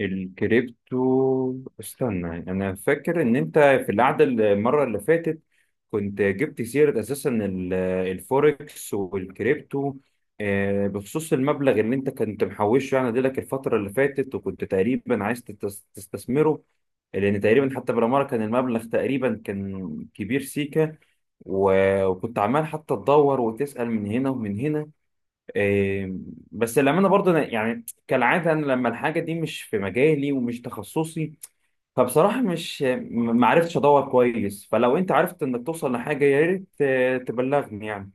الكريبتو، استنى. انا فاكر ان انت في القعده المره اللي فاتت كنت جبت سيره اساسا الفوركس والكريبتو. بخصوص المبلغ اللي انت كنت محوشه يعني لك الفتره اللي فاتت وكنت تقريبا عايز تستثمره، لان تقريبا حتى بالعماره كان المبلغ تقريبا كان كبير سيكا. و- وكنت عمال حتى تدور وتسال من هنا ومن هنا. إيه، بس للأمانة برضه أنا يعني كالعادة أنا لما الحاجة دي مش في مجالي ومش تخصصي، فبصراحة مش م- ما عرفتش أدور كويس، فلو أنت عرفت إنك توصل لحاجة يا ريت تبلغني يعني.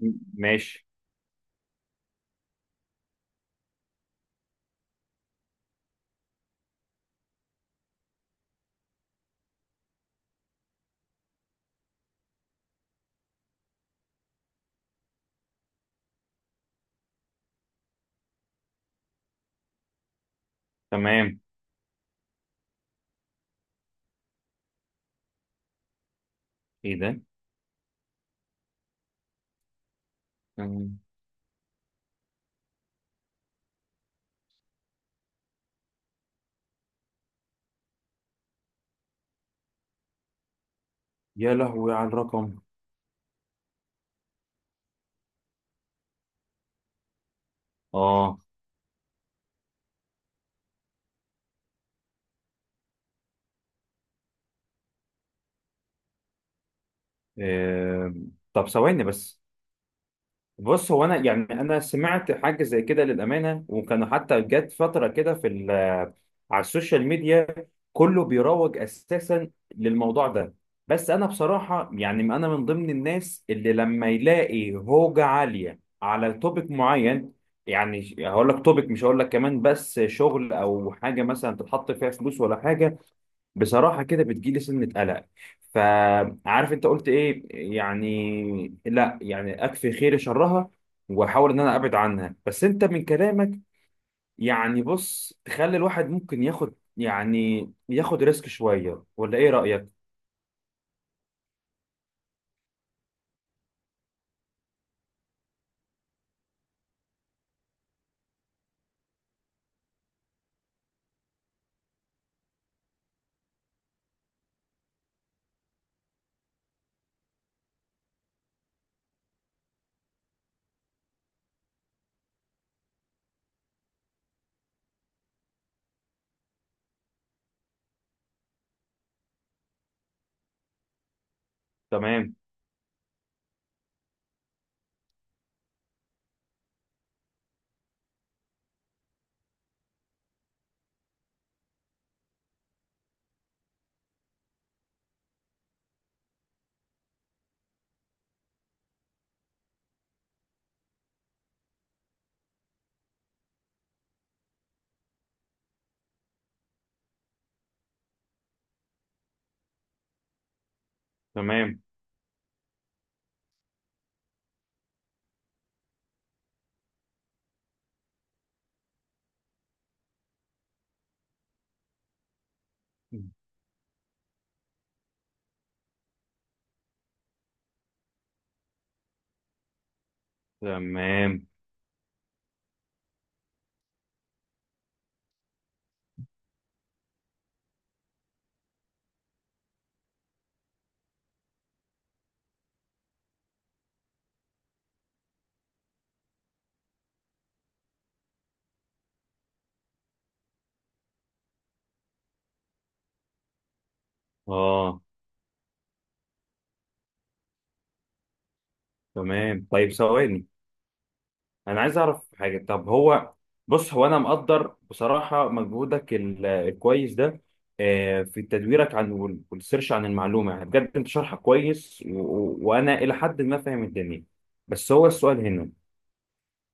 ماشي. تمام. إيه ده؟ أم، يا لهوي على الرقم. آه. إيه، طب ثواني بس. بص هو انا يعني انا سمعت حاجه زي كده للامانه، وكانوا حتى جت فتره كده في على السوشيال ميديا كله بيروج اساسا للموضوع ده. بس انا بصراحه يعني انا من ضمن الناس اللي لما يلاقي هوجه عاليه على توبيك معين، يعني هقول لك توبيك، مش هقول لك كمان بس شغل او حاجه مثلا تتحط فيها فلوس ولا حاجه، بصراحة كده بتجيلي سنة قلق. فعارف انت قلت ايه؟ يعني لا، يعني اكفي خير شرها واحاول ان انا ابعد عنها. بس انت من كلامك يعني، بص، تخلي الواحد ممكن ياخد يعني ياخد ريسك شوية، ولا ايه رأيك؟ تمام. تمام. تمام. اه. تمام، طيب ثواني. انا عايز اعرف حاجه، طب هو بص، هو انا مقدر بصراحه مجهودك الكويس ده، في تدويرك عن وال- والسيرش عن المعلومه، يعني بجد انت شرحك كويس و- و- وانا الى حد ما فاهم الدنيا. بس هو السؤال هنا،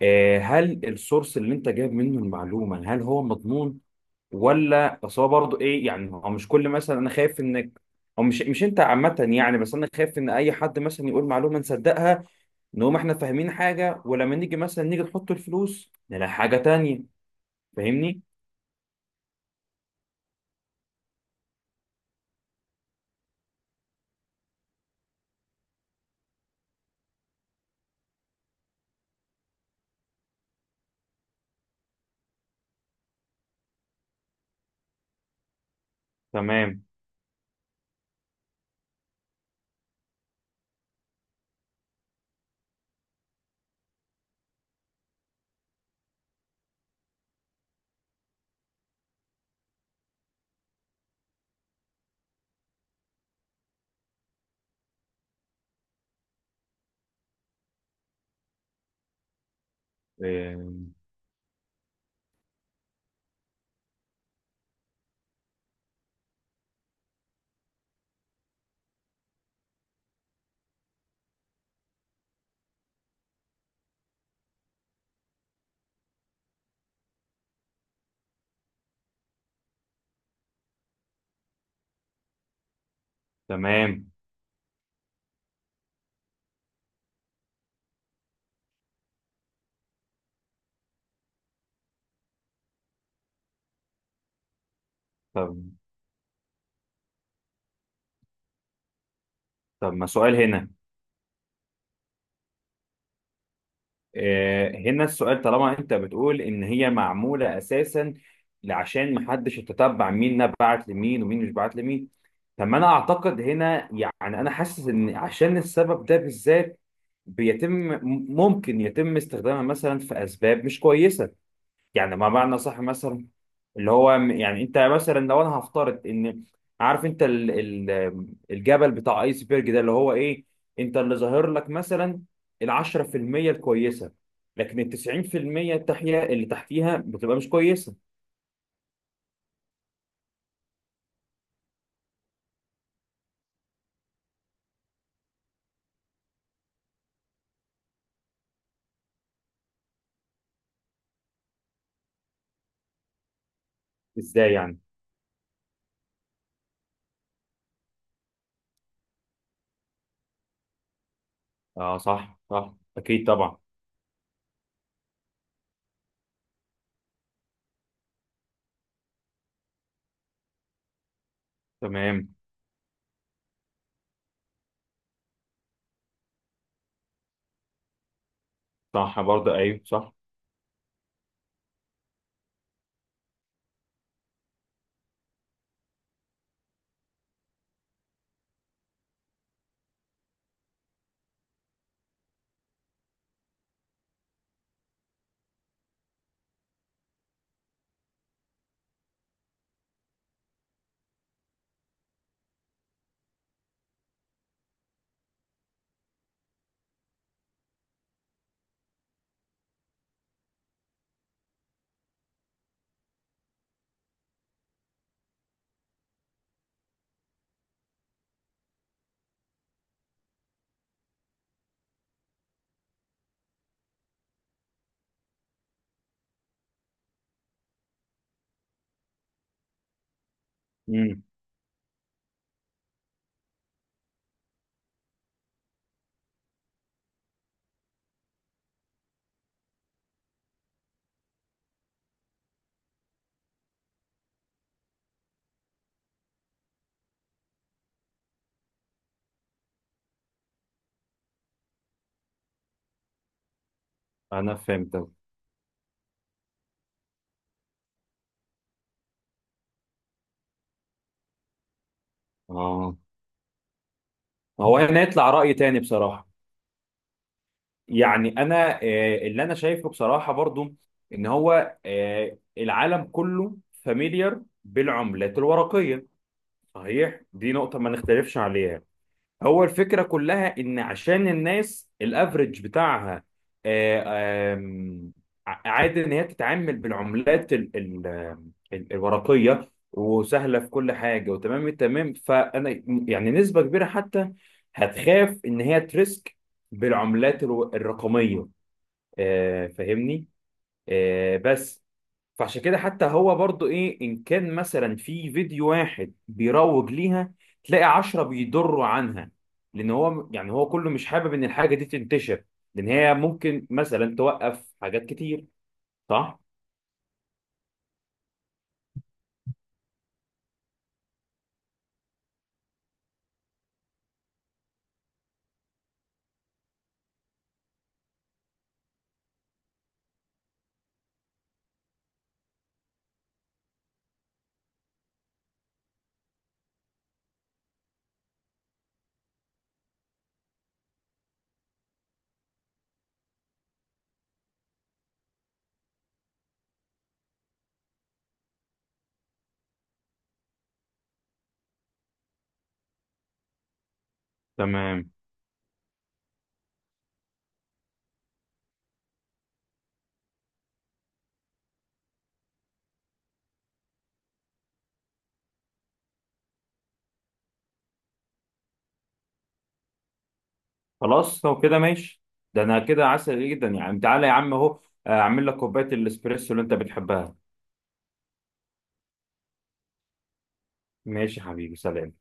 هل السورس اللي انت جايب منه المعلومه هل هو مضمون، ولا اصل هو برضه ايه؟ يعني هو مش كل مثلا انا خايف انك، او مش انت عامه يعني، بس انا خايف ان اي حد مثلا يقول معلومه نصدقها، نقوم احنا فاهمين حاجة، ولما نيجي مثلا نحط الفلوس نلاقي حاجة تانية. فاهمني؟ تمام. اه، تمام. طب. ما سؤال هنا، اه هنا السؤال، طالما انت بتقول ان هي معمولة اساسا عشان محدش يتتبع مين نبعت لمين ومين مش بعت لمين، طب ما انا اعتقد هنا يعني انا حاسس ان عشان السبب ده بالذات بيتم، ممكن يتم استخدامها مثلا في اسباب مش كويسة. يعني ما معنى صح مثلا، اللي هو م- يعني انت مثلا، لو انا هفترض ان، عارف انت ال الجبل بتاع ايسبرج ده، اللي هو ايه، انت اللي ظاهر لك مثلا ال 10% الكويسه، لكن ال 90% التحيه اللي تحتيها بتبقى مش كويسه. ازاي يعني؟ اه صح، صح، اكيد طبعا. تمام. صح برضه، ايوه صح. امم. انا فهمتك. اه، هو هنا يطلع رأي تاني بصراحه. يعني انا اللي انا شايفه بصراحه برضو ان هو، العالم كله فاميليار بالعملات الورقيه، صحيح، دي نقطه ما نختلفش عليها. هو الفكره كلها ان عشان الناس الافريج بتاعها، آه، آم، عادي ان هي تتعامل بالعملات الورقيه وسهله في كل حاجه وتمام التمام، فانا يعني نسبه كبيره حتى هتخاف ان هي تريسك بالعملات الرقميه، فاهمني؟ بس فعشان كده حتى هو برضو ايه، ان كان مثلا في فيديو واحد بيروج ليها، تلاقي عشرة بيضروا عنها، لان هو يعني هو كله مش حابب ان الحاجة دي تنتشر، لان هي ممكن مثلا توقف حاجات كتير. صح. تمام. خلاص لو كده ماشي. ده انا كده عسل جدا، يعني تعالى يا عم اهو، اعمل لك كوباية الاسبريسو اللي انت بتحبها. ماشي يا حبيبي، سلام.